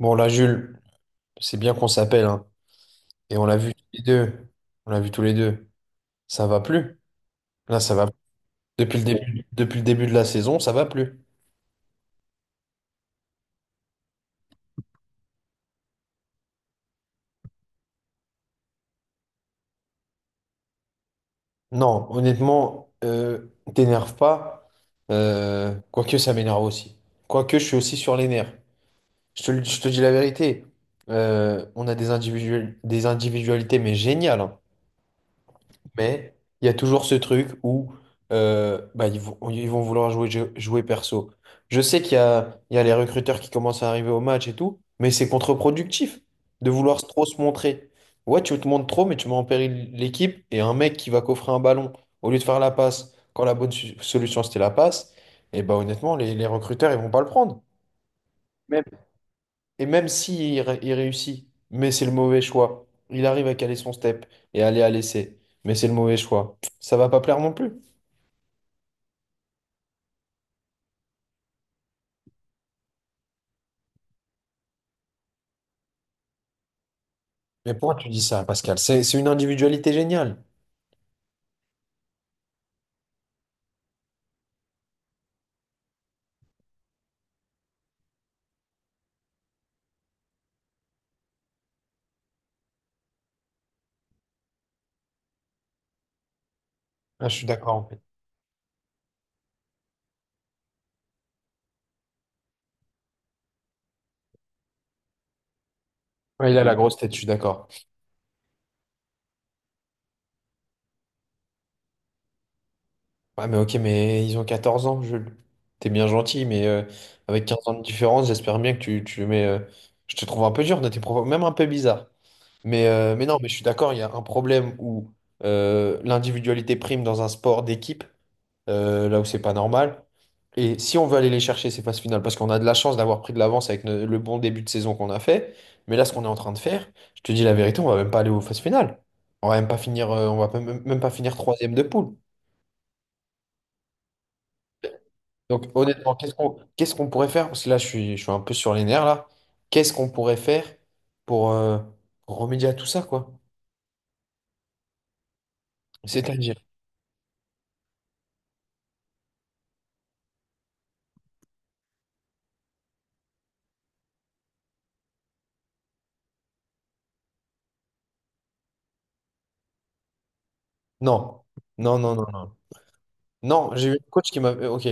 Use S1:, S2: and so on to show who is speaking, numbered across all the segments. S1: Bon, là, Jules, c'est bien qu'on s'appelle, hein. Et on l'a vu tous les deux. On l'a vu tous les deux. Ça va plus. Là, ça va plus. Depuis le début de la saison, ça va plus. Non, honnêtement, t'énerve pas. Quoique, ça m'énerve aussi. Quoique, je suis aussi sur les nerfs. Je te dis la vérité. On a des individuels, des individualités, mais géniales, hein. Mais il y a toujours ce truc où bah, ils vont vouloir jouer perso. Je sais qu'il y a les recruteurs qui commencent à arriver au match et tout, mais c'est contre-productif de vouloir trop se montrer. Ouais, tu te montres trop, mais tu mets en péril l'équipe et un mec qui va coffrer un ballon au lieu de faire la passe, quand la bonne solution c'était la passe, et bah honnêtement, les recruteurs ils vont pas le prendre. Et même si il réussit, mais c'est le mauvais choix. Il arrive à caler son step et aller à l'essai, mais c'est le mauvais choix. Ça va pas plaire non plus. Mais pourquoi tu dis ça, Pascal? C'est une individualité géniale. Ah, je suis d'accord, en fait. Ouais, il a la grosse tête, je suis d'accord. Ouais, mais ok, mais ils ont 14 ans, Jules. T'es bien gentil, mais avec 15 ans de différence, j'espère bien que tu mets. Je te trouve un peu dur dans tes propos, même un peu bizarre. Mais non, mais je suis d'accord, il y a un problème où l'individualité prime dans un sport d'équipe, là où c'est pas normal. Et si on veut aller les chercher, ces phases finales, parce qu'on a de la chance d'avoir pris de l'avance avec le bon début de saison qu'on a fait, mais là, ce qu'on est en train de faire, je te dis la vérité, on va même pas aller aux phases finales. On va même pas finir, on va pas- même même pas finir troisième de poule. Donc honnêtement, qu'est-ce qu'on pourrait faire? Parce que là, je suis un peu sur les nerfs là. Qu'est-ce qu'on pourrait faire pour, euh, pour remédier à tout ça, quoi? C'est-à-dire. Non, non, non, non, non. Non, j'ai eu un coach qui m'a. Ok.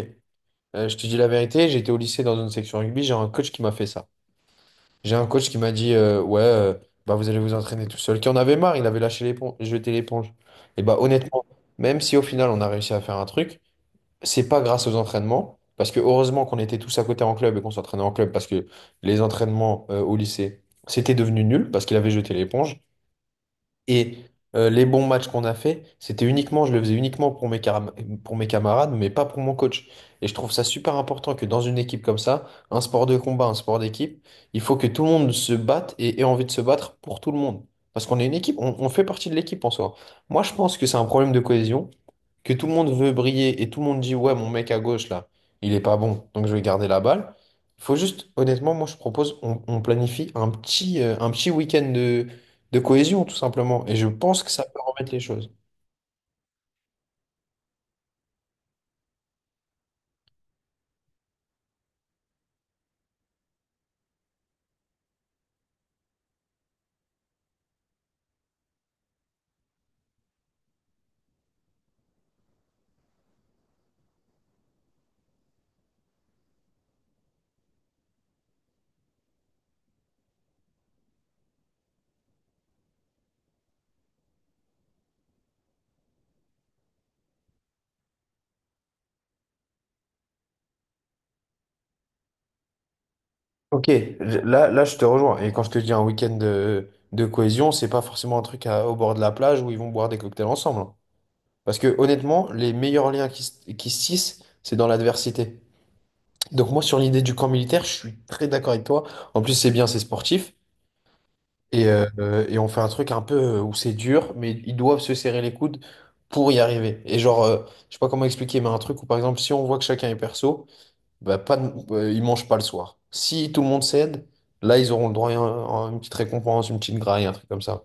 S1: Je te dis la vérité, j'étais au lycée dans une section rugby, j'ai un coach qui m'a fait ça. J'ai un coach qui m'a dit, ouais, bah vous allez vous entraîner tout seul, qui en avait marre, il avait lâché l'éponge, jeté l'éponge. Et bah honnêtement, même si au final on a réussi à faire un truc, c'est pas grâce aux entraînements, parce que heureusement qu'on était tous à côté en club et qu'on s'entraînait en club, parce que les entraînements au lycée, c'était devenu nul, parce qu'il avait jeté l'éponge. Et les bons matchs qu'on a fait, c'était uniquement, je le faisais uniquement pour mes camarades, mais pas pour mon coach. Et je trouve ça super important que dans une équipe comme ça, un sport de combat, un sport d'équipe, il faut que tout le monde se batte et ait envie de se battre pour tout le monde. Parce qu'on est une équipe, on fait partie de l'équipe en soi. Moi, je pense que c'est un problème de cohésion que tout le monde veut briller et tout le monde dit ouais, mon mec à gauche là, il est pas bon, donc je vais garder la balle. Il faut juste, honnêtement, moi je propose, on planifie un petit week-end de cohésion tout simplement. Et je pense que ça peut remettre les choses. Ok, là, je te rejoins. Et quand je te dis un week-end de cohésion, c'est pas forcément un truc au bord de la plage où ils vont boire des cocktails ensemble, hein. Parce que honnêtement, les meilleurs liens qui se tissent, c'est dans l'adversité. Donc moi sur l'idée du camp militaire, je suis très d'accord avec toi. En plus c'est bien, c'est sportif. Et on fait un truc un peu où c'est dur, mais ils doivent se serrer les coudes pour y arriver. Et genre, je sais pas comment expliquer, mais un truc où par exemple, si on voit que chacun est perso, bah, pas de- ils mangent pas le soir. Si tout le monde cède, là, ils auront le droit à une petite récompense, une petite graille, un truc comme ça.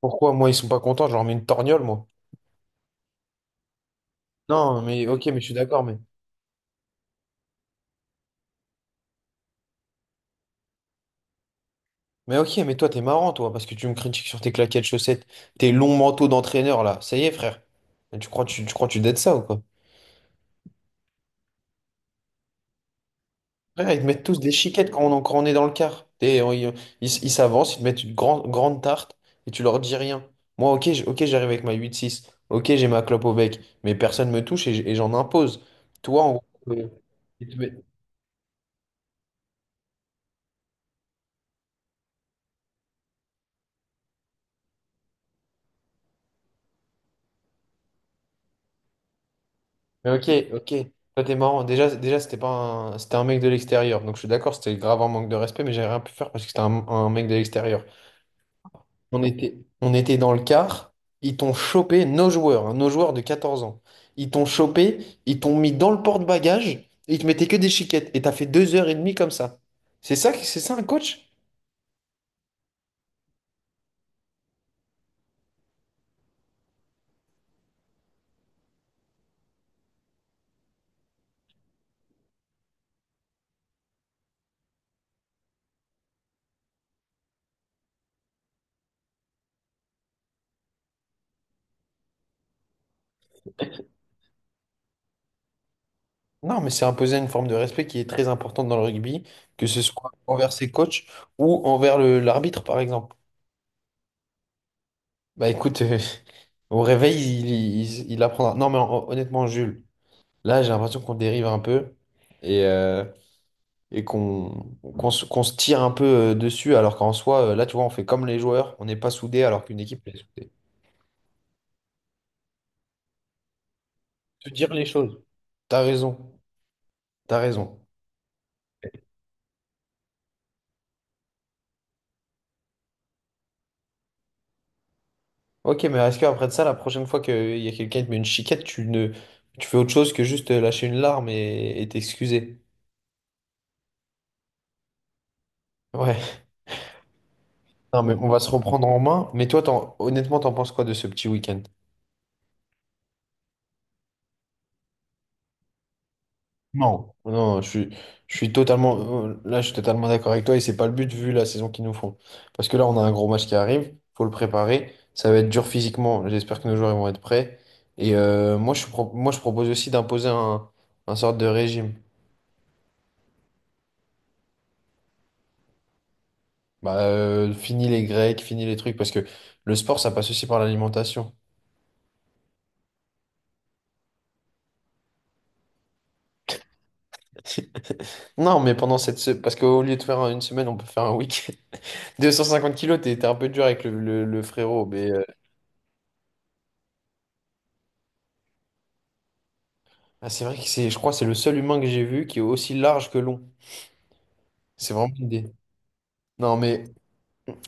S1: Pourquoi, moi, ils sont pas contents, je leur mets une torgnole, moi. Non, mais ok, mais je suis d'accord, mais. Mais ok, mais toi, t'es marrant, toi, parce que tu me critiques sur tes claquettes chaussettes, tes longs manteaux d'entraîneur, là. Ça y est, frère. Mais tu crois, tu crois, que tu dettes ça ou quoi? Frère, ils te mettent tous des chiquettes quand on est dans le car. Ils ils s'avancent, ils te mettent une grande, grande tarte et tu leur dis rien. Moi, ok, j'arrive avec ma 8-6. Ok, j'ai ma clope au bec. Mais personne me touche et j'en impose. Toi, en gros, ils te mettent- Mais ok, ok. Toi, t'es marrant. Déjà, c'était pas un, c'était un mec de l'extérieur. Donc, je suis d'accord, c'était grave un manque de respect, mais j'ai rien pu faire parce que c'était un mec de l'extérieur. On était dans le car, nos joueurs, hein, nos joueurs de 14 ans, ils t'ont chopé, ils t'ont mis dans le porte-bagages, et ils te mettaient que des chiquettes, et t'as fait 2 heures et demie comme ça. C'est ça, c'est ça un coach? Non, mais c'est imposer une forme de respect qui est très importante dans le rugby, que ce soit envers ses coachs ou envers l'arbitre, par exemple. Bah écoute, au réveil, il apprendra. Non, mais honnêtement, Jules, là, j'ai l'impression qu'on dérive un peu, et... euh, et qu'on se tire un peu dessus, alors qu'en soi, là, tu vois, on fait comme les joueurs, on n'est pas soudés alors qu'une équipe elle est soudée. Se dire les choses. T'as raison, t'as raison. Ok, mais est-ce qu'après de ça, la prochaine fois qu'il y a quelqu'un qui te met une chiquette, tu ne, tu fais autre chose que juste lâcher une larme et t'excuser? Ouais, non, mais on va se reprendre en main. Mais toi, honnêtement, t'en penses quoi de ce petit week-end? Non. Non, je suis totalement, là, je suis totalement d'accord avec toi et c'est pas le but vu la saison qu'ils nous font. Parce que là, on a un gros match qui arrive, faut le préparer. Ça va être dur physiquement. J'espère que nos joueurs ils vont être prêts. Et moi, je propose aussi d'imposer un sorte de régime. Bah, fini les grecs, fini les trucs, parce que le sport, ça passe aussi par l'alimentation. Non, mais parce qu'au lieu de faire une semaine, on peut faire un week-end. 250 kilos, t'es un peu dur avec le frérot, mais. Ah, c'est vrai que c'est, je crois, que c'est le seul humain que j'ai vu qui est aussi large que long. C'est vraiment une idée. Non, mais,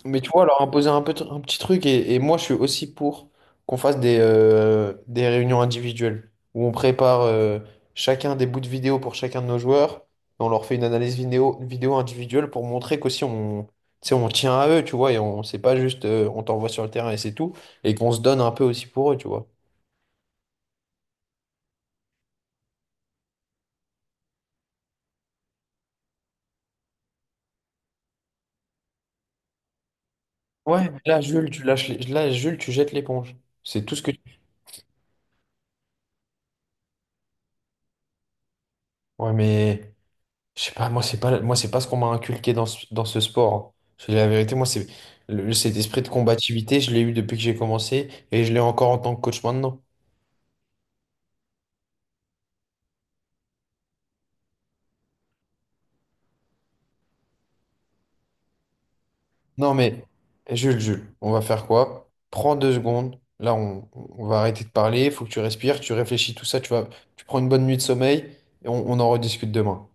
S1: mais tu vois, leur imposer un peu, un petit truc, et moi, je suis aussi pour qu'on fasse des réunions individuelles où on prépare chacun des bouts de vidéo pour chacun de nos joueurs, et on leur fait une analyse vidéo, vidéo individuelle pour montrer qu'aussi on, tu sais, on tient à eux, tu vois, et on, c'est pas juste on t'envoie sur le terrain et c'est tout, et qu'on se donne un peu aussi pour eux, tu vois. Ouais, mais là, Jules, tu jettes l'éponge. C'est tout ce que tu... Ouais, mais. Je sais pas, moi c'est pas ce qu'on m'a inculqué dans ce sport, hein. Je te dis la vérité, moi c'est cet esprit de combativité, je l'ai eu depuis que j'ai commencé et je l'ai encore en tant que coach maintenant. Non mais Jules, Jules, on va faire quoi? Prends 2 secondes. Là, on va arrêter de parler, il faut que tu respires, tu réfléchis, tout ça, tu vas, tu prends une bonne nuit de sommeil et on en rediscute demain.